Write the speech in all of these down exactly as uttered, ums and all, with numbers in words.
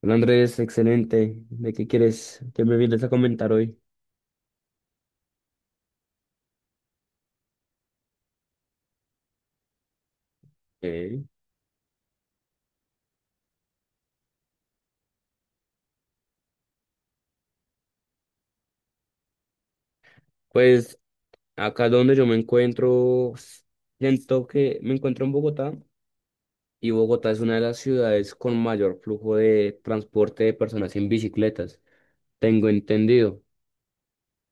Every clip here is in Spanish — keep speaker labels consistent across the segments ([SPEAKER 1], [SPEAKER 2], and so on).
[SPEAKER 1] Hola Andrés, excelente. ¿De qué quieres que me vienes a comentar hoy? Ok. Pues acá donde yo me encuentro, siento que me encuentro en Bogotá y Bogotá es una de las ciudades con mayor flujo de transporte de personas en bicicletas, tengo entendido.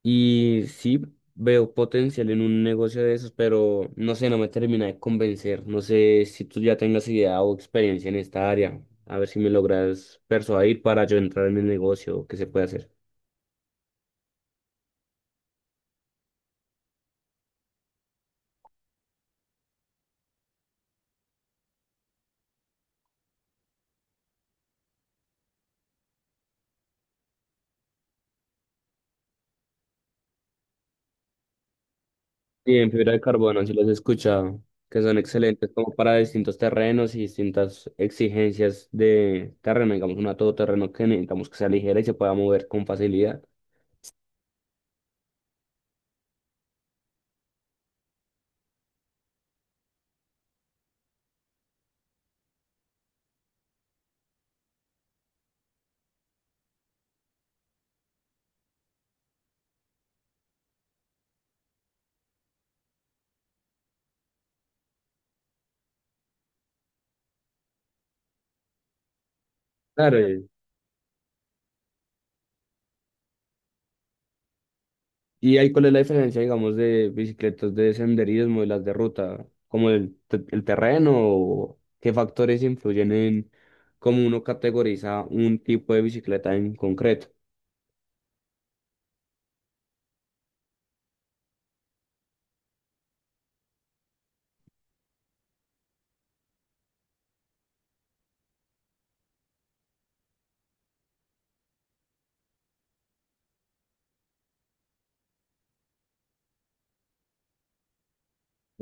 [SPEAKER 1] Y sí veo potencial en un negocio de esos, pero no sé, no me termina de convencer. No sé si tú ya tengas idea o experiencia en esta área. A ver si me logras persuadir para yo entrar en el negocio, qué se puede hacer. Y en fibra de carbono, si los he escuchado, que son excelentes como para distintos terrenos y distintas exigencias de terreno, digamos, una todoterreno que necesitamos que sea ligera y se pueda mover con facilidad. Claro, y y ahí cuál es la diferencia, digamos, de bicicletas de senderismo y las de ruta, como el, te- el terreno o qué factores influyen en cómo uno categoriza un tipo de bicicleta en concreto.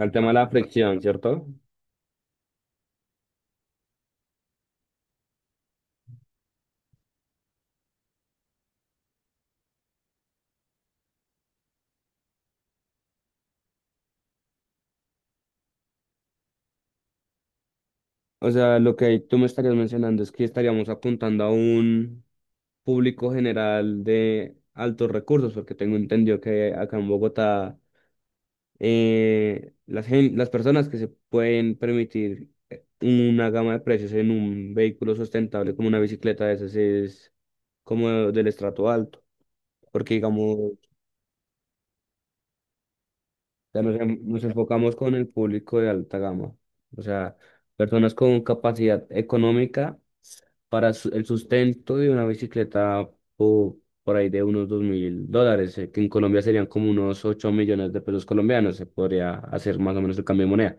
[SPEAKER 1] El tema de la fricción, ¿cierto? O sea, lo que tú me estarías mencionando es que estaríamos apuntando a un público general de altos recursos, porque tengo entendido que acá en Bogotá eh, las, gen- las personas que se pueden permitir eh, una gama de precios en un vehículo sustentable como una bicicleta de esas es como del estrato alto, porque digamos, ya nos, en- nos enfocamos con el público de alta gama, o sea, personas con capacidad económica para su- el sustento de una bicicleta po- por ahí de unos dos mil dólares, eh, que en Colombia serían como unos ocho millones de pesos colombianos, se podría hacer más o menos el cambio de moneda.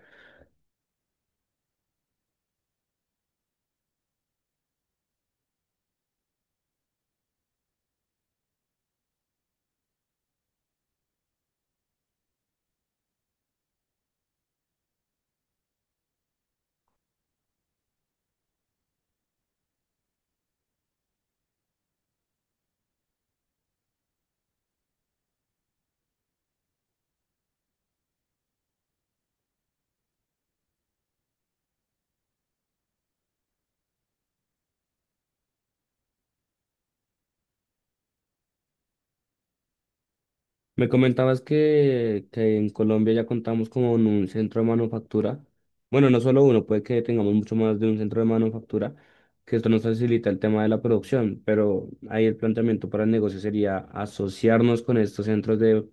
[SPEAKER 1] Me comentabas que, que en Colombia ya contamos con un centro de manufactura. Bueno, no solo uno, puede que tengamos mucho más de un centro de manufactura, que esto nos facilita el tema de la producción, pero ahí el planteamiento para el negocio sería asociarnos con estos centros de,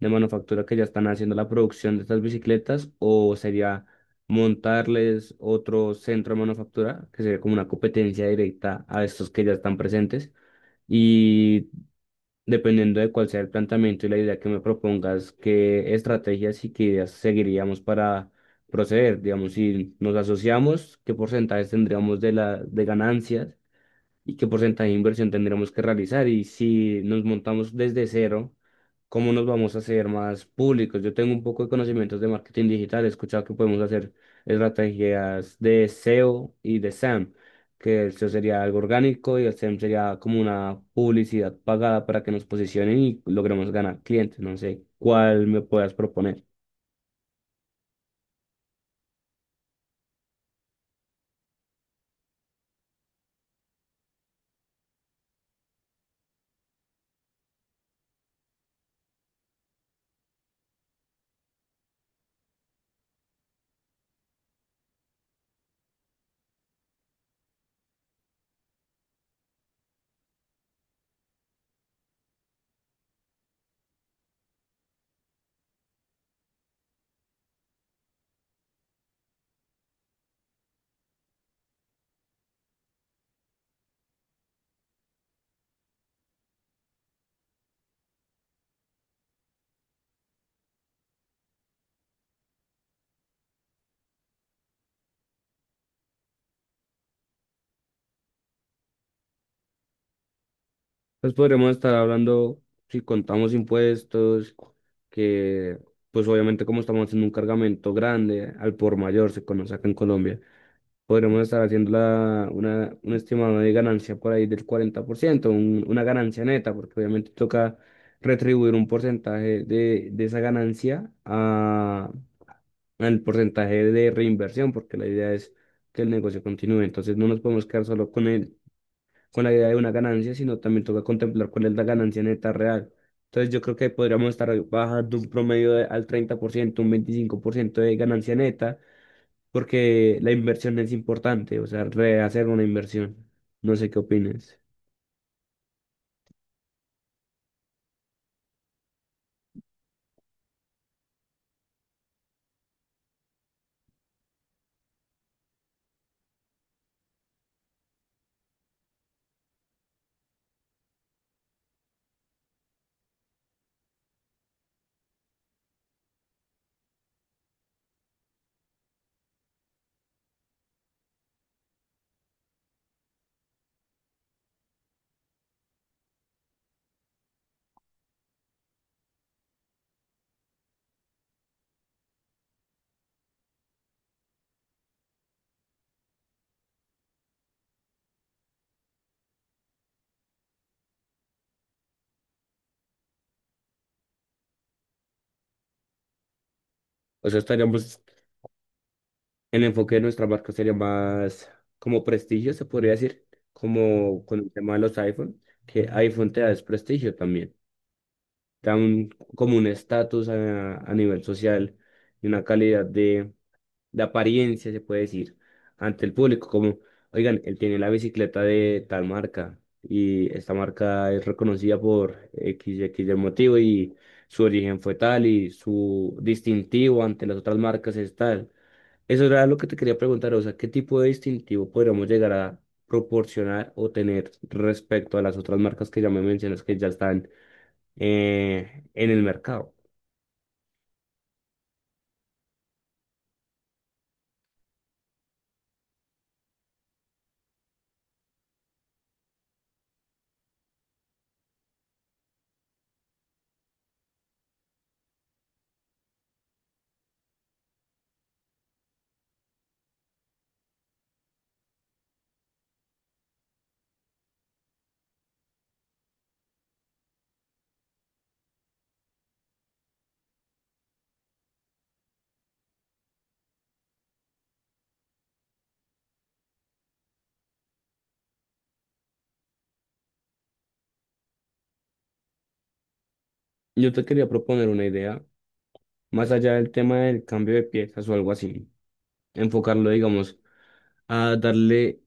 [SPEAKER 1] de manufactura que ya están haciendo la producción de estas bicicletas, o sería montarles otro centro de manufactura, que sería como una competencia directa a estos que ya están presentes. Y dependiendo de cuál sea el planteamiento y la idea que me propongas, qué estrategias y qué ideas seguiríamos para proceder. Digamos, si nos asociamos, qué porcentajes tendríamos de la, de ganancias y qué porcentaje de inversión tendremos que realizar y si nos montamos desde cero, cómo nos vamos a hacer más públicos. Yo tengo un poco de conocimientos de marketing digital, he escuchado que podemos hacer estrategias de S E O y de S E M, que el SEO sería algo orgánico y el S E M sería como una publicidad pagada para que nos posicionen y logremos ganar clientes. No sé cuál me puedas proponer. Pues podremos estar hablando, si contamos impuestos, que pues obviamente como estamos haciendo un cargamento grande, al por mayor se conoce acá en Colombia, podremos estar haciendo la, una, un estimado de ganancia por ahí del cuarenta por ciento, un- una ganancia neta, porque obviamente toca retribuir un porcentaje de, de esa ganancia a, al porcentaje de reinversión, porque la idea es que el negocio continúe. Entonces no nos podemos quedar solo con el con la idea de una ganancia, sino también toca contemplar cuál es la ganancia neta real. Entonces yo creo que podríamos estar bajando un promedio de- al treinta por ciento, un veinticinco por ciento de ganancia neta, porque la inversión es importante, o sea, rehacer una inversión. No sé qué opines. O sea, estaríamos, el enfoque de nuestra marca sería más como prestigio, se podría decir, como con el tema de los iPhone, que iPhone te da es prestigio también, te da un- como un estatus a a nivel social y una calidad de de apariencia, se puede decir, ante el público, como, oigan, él tiene la bicicleta de tal marca y esta marca es reconocida por X, X del motivo y su origen fue tal y su distintivo ante las otras marcas es tal. Eso era lo que te quería preguntar, o sea, ¿qué tipo de distintivo podríamos llegar a proporcionar o tener respecto a las otras marcas que ya me mencionas que ya están eh, en el mercado? Yo te quería proponer una idea, más allá del tema del cambio de piezas o algo así, enfocarlo, digamos, a darle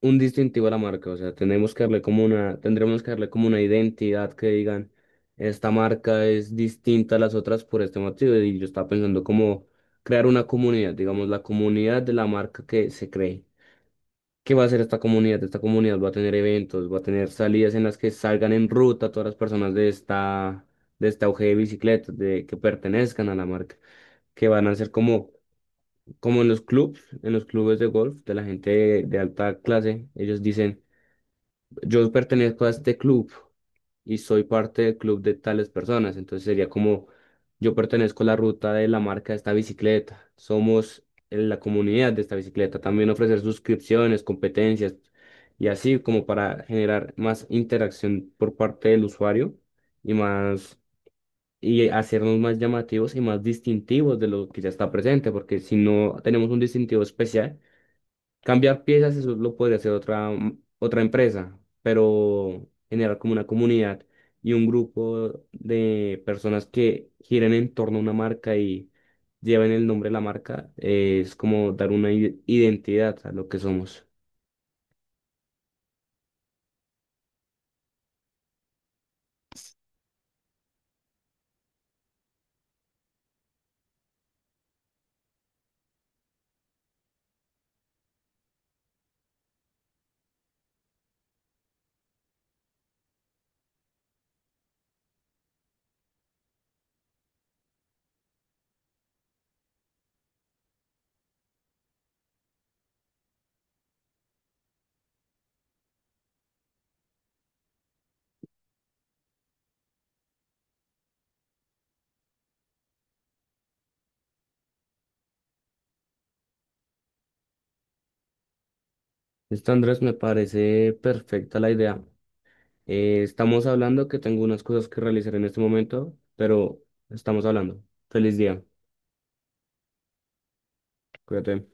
[SPEAKER 1] un distintivo a la marca. O sea, tenemos que darle como una, tendremos que darle como una identidad que digan, esta marca es distinta a las otras por este motivo. Y yo estaba pensando como crear una comunidad, digamos, la comunidad de la marca que se cree. ¿Qué va a hacer esta comunidad? Esta comunidad va a tener eventos, va a tener salidas en las que salgan en ruta todas las personas de esta, de este auge de bicicletas, de que pertenezcan a la marca, que van a ser como como en los clubs, en los clubes de golf de la gente de, de alta clase, ellos dicen, yo pertenezco a este club y soy parte del club de tales personas, entonces sería como, yo pertenezco a la ruta de la marca de esta bicicleta, somos en la comunidad de esta bicicleta, también ofrecer suscripciones, competencias y así como para generar más interacción por parte del usuario y más, y hacernos más llamativos y más distintivos de lo que ya está presente, porque si no tenemos un distintivo especial, cambiar piezas, eso lo podría hacer otra, mm, otra empresa, pero generar como una comunidad y un grupo de personas que giren en torno a una marca y lleven el nombre de la marca, eh, es como dar una i- identidad a lo que somos. Listo, Andrés, me parece perfecta la idea. Eh, estamos hablando que tengo unas cosas que realizar en este momento, pero estamos hablando. Feliz día. Cuídate.